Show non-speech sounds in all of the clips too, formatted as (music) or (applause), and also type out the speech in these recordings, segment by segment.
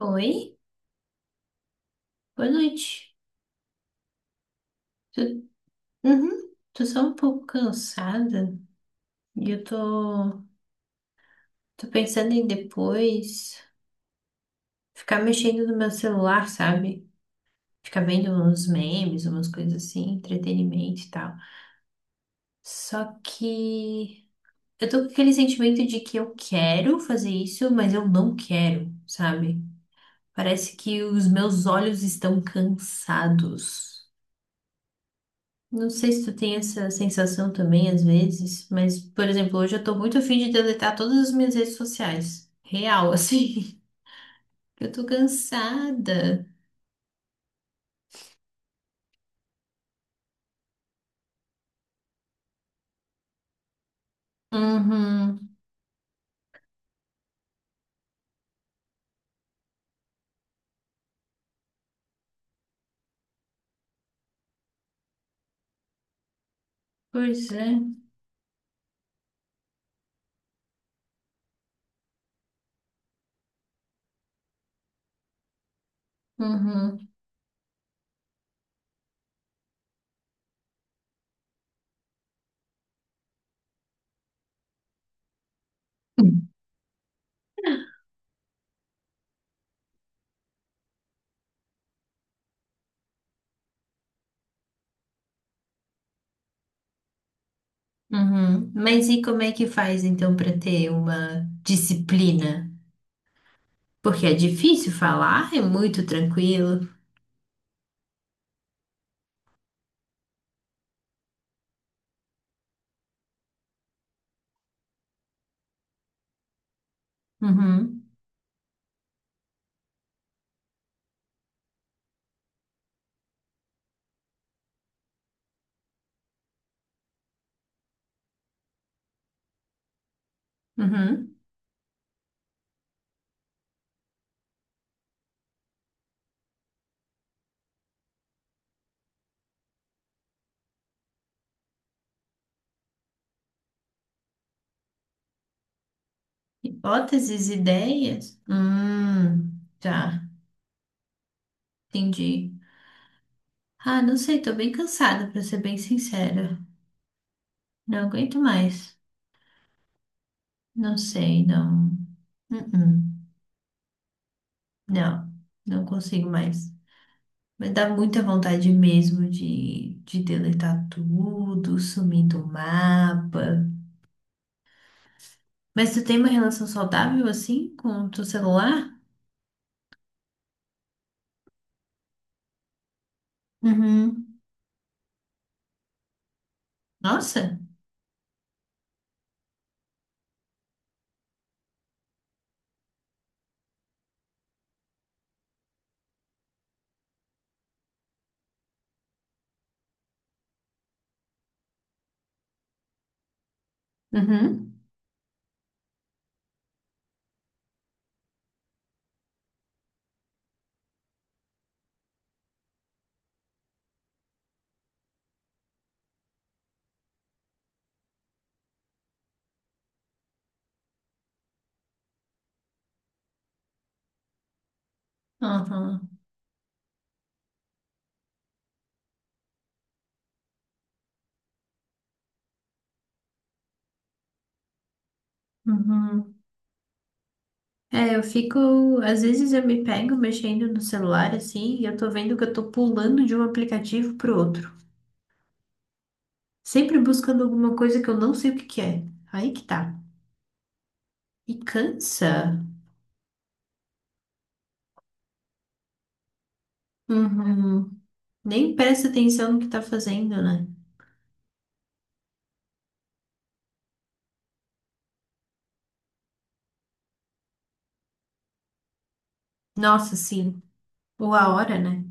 Oi, boa noite. Tu, uhum, tô só um pouco cansada e eu tô pensando em depois ficar mexendo no meu celular, sabe? Ficar vendo uns memes, umas coisas assim, entretenimento e tal. Só que eu tô com aquele sentimento de que eu quero fazer isso, mas eu não quero, sabe? Parece que os meus olhos estão cansados. Não sei se tu tem essa sensação também às vezes, mas, por exemplo, hoje eu tô muito afim de deletar todas as minhas redes sociais. Real, (laughs) assim. Eu tô cansada. Uhum. Pois é. Uhum. Uhum. Mas e como é que faz então para ter uma disciplina? Porque é difícil falar, é muito tranquilo. Uhum. Uhum. Hipóteses, ideias? Tá, entendi. Ah, não sei, tô bem cansada, pra ser bem sincera. Não aguento mais. Não sei, não. Uh-uh. Não, não consigo mais. Mas dá muita vontade mesmo de deletar tudo, sumir do mapa. Mas tu tem uma relação saudável assim com o teu celular? Uhum, nossa! Uhum. Aham, uhum. É, eu fico. Às vezes eu me pego mexendo no celular assim e eu tô vendo que eu tô pulando de um aplicativo pro outro. Sempre buscando alguma coisa que eu não sei o que que é. Aí que tá. E cansa. Uhum. Nem presta atenção no que tá fazendo, né? Nossa, sim. Ou a hora, né?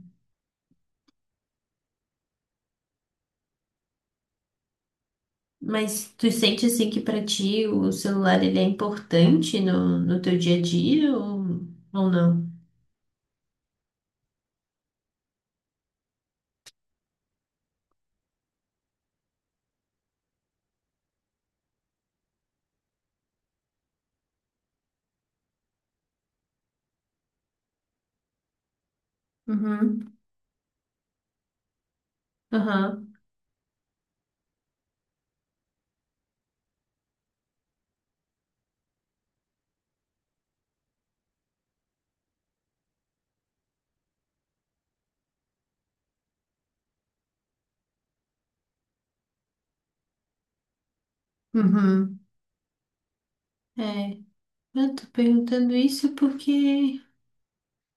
Mas tu sente assim que pra ti o celular ele é importante no teu dia a dia ou não? Uhum. Aham. Uhum. É. Eu tô perguntando isso porque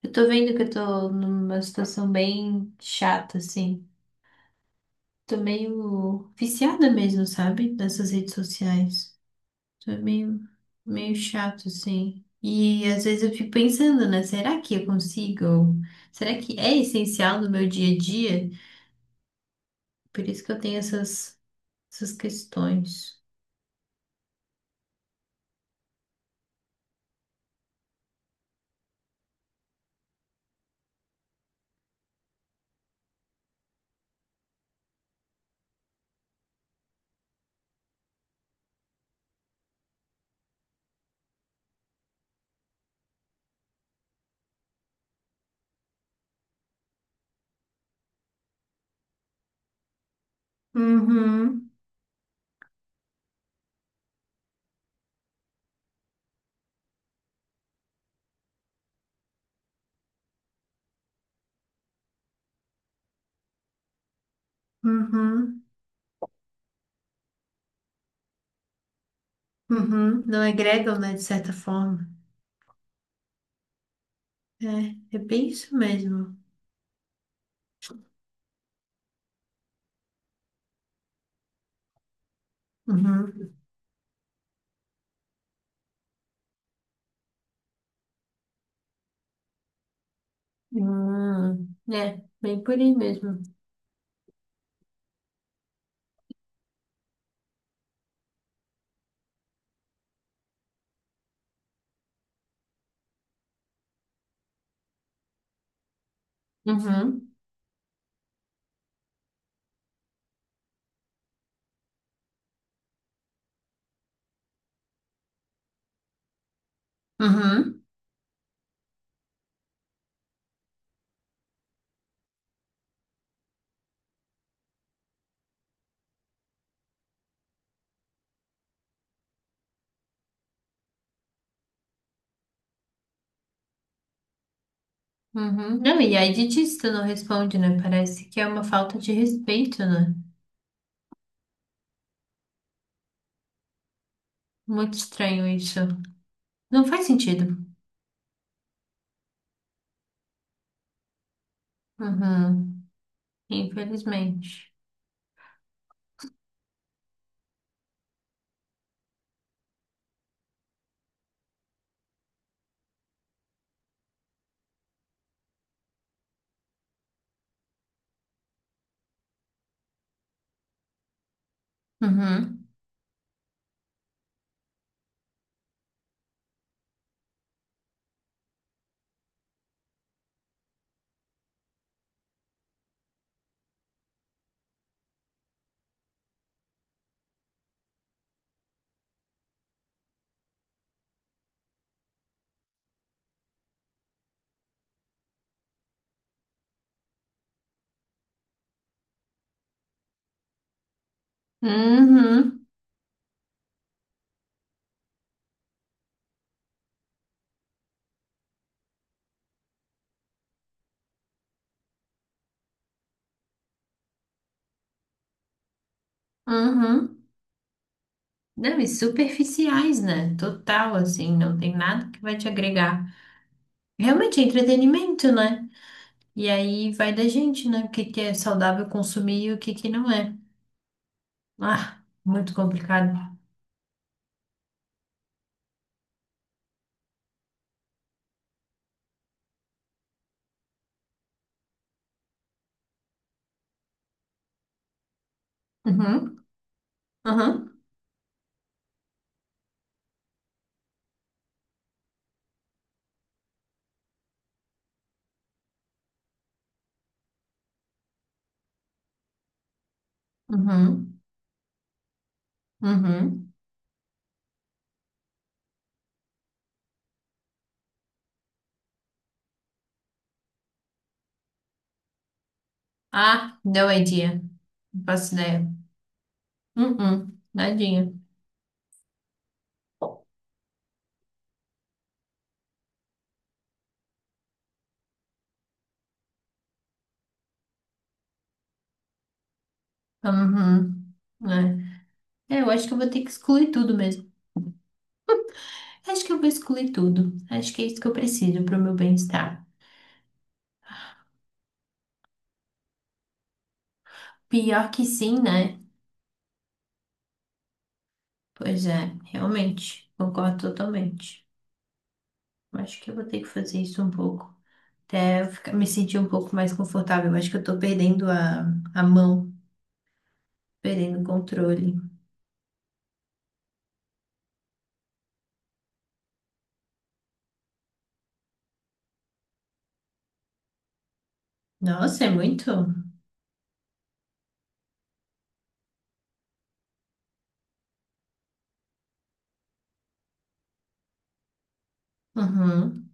eu tô vendo que eu tô numa situação bem chata, assim. Tô meio viciada mesmo, sabe? Nessas redes sociais. Tô meio, meio chato, assim. E às vezes eu fico pensando, né? Será que eu consigo? Será que é essencial no meu dia a dia? Por isso que eu tenho essas questões. Uhum, uhum, uhum. Não agregam, né? De certa forma. É bem isso mesmo. Uhum. Hum, é, bem por aí mesmo. Uhum, uhum. Uhum. Não, e aí dietista não responde, né? Parece que é uma falta de respeito, né? Muito estranho isso. Não faz sentido. Uhum. Infelizmente. Uhum. Uhum. Uhum. Não, e superficiais, né? Total, assim, não tem nada que vai te agregar. Realmente é entretenimento, né? E aí vai da gente, né? O que que é saudável consumir e o que que não é. Ah, muito complicado. Uhum. Uhum. Uhum. Uhum. Ah, no idea. Não faço ideia. Uhum, nadinha. Uhum, né? É, eu acho que eu vou ter que excluir tudo mesmo. Acho que eu vou excluir tudo. Acho que é isso que eu preciso pro meu bem-estar. Pior que sim, né? Pois é, realmente. Concordo totalmente. Acho que eu vou ter que fazer isso um pouco. Até eu ficar, me sentir um pouco mais confortável. Acho que eu tô perdendo a mão, perdendo o controle. Nossa, é muito? Uhum,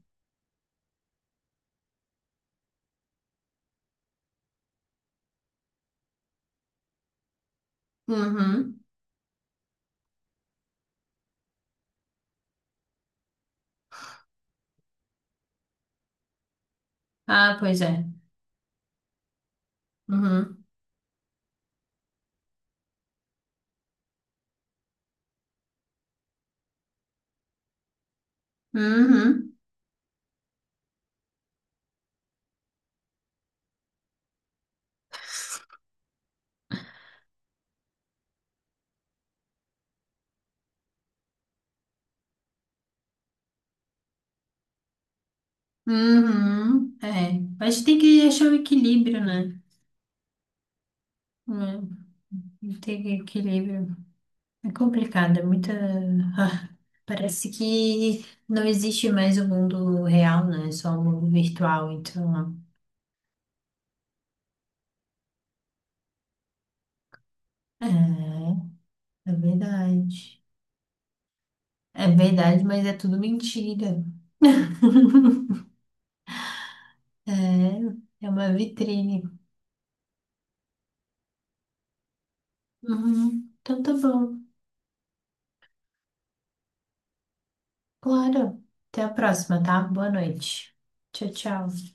uhum. Ah, pois é. Uhum, uhum. Uhum, é. Mas tem que achar o equilíbrio, né? É, tem que equilíbrio. É complicado, é muita. Ah, parece que não existe mais o mundo real, né? É só o mundo virtual. Então, é, é verdade. É verdade, mas é tudo mentira. É, é uma vitrine. Uhum. Então tá bom. Claro. Até a próxima, tá? Boa noite. Tchau, tchau.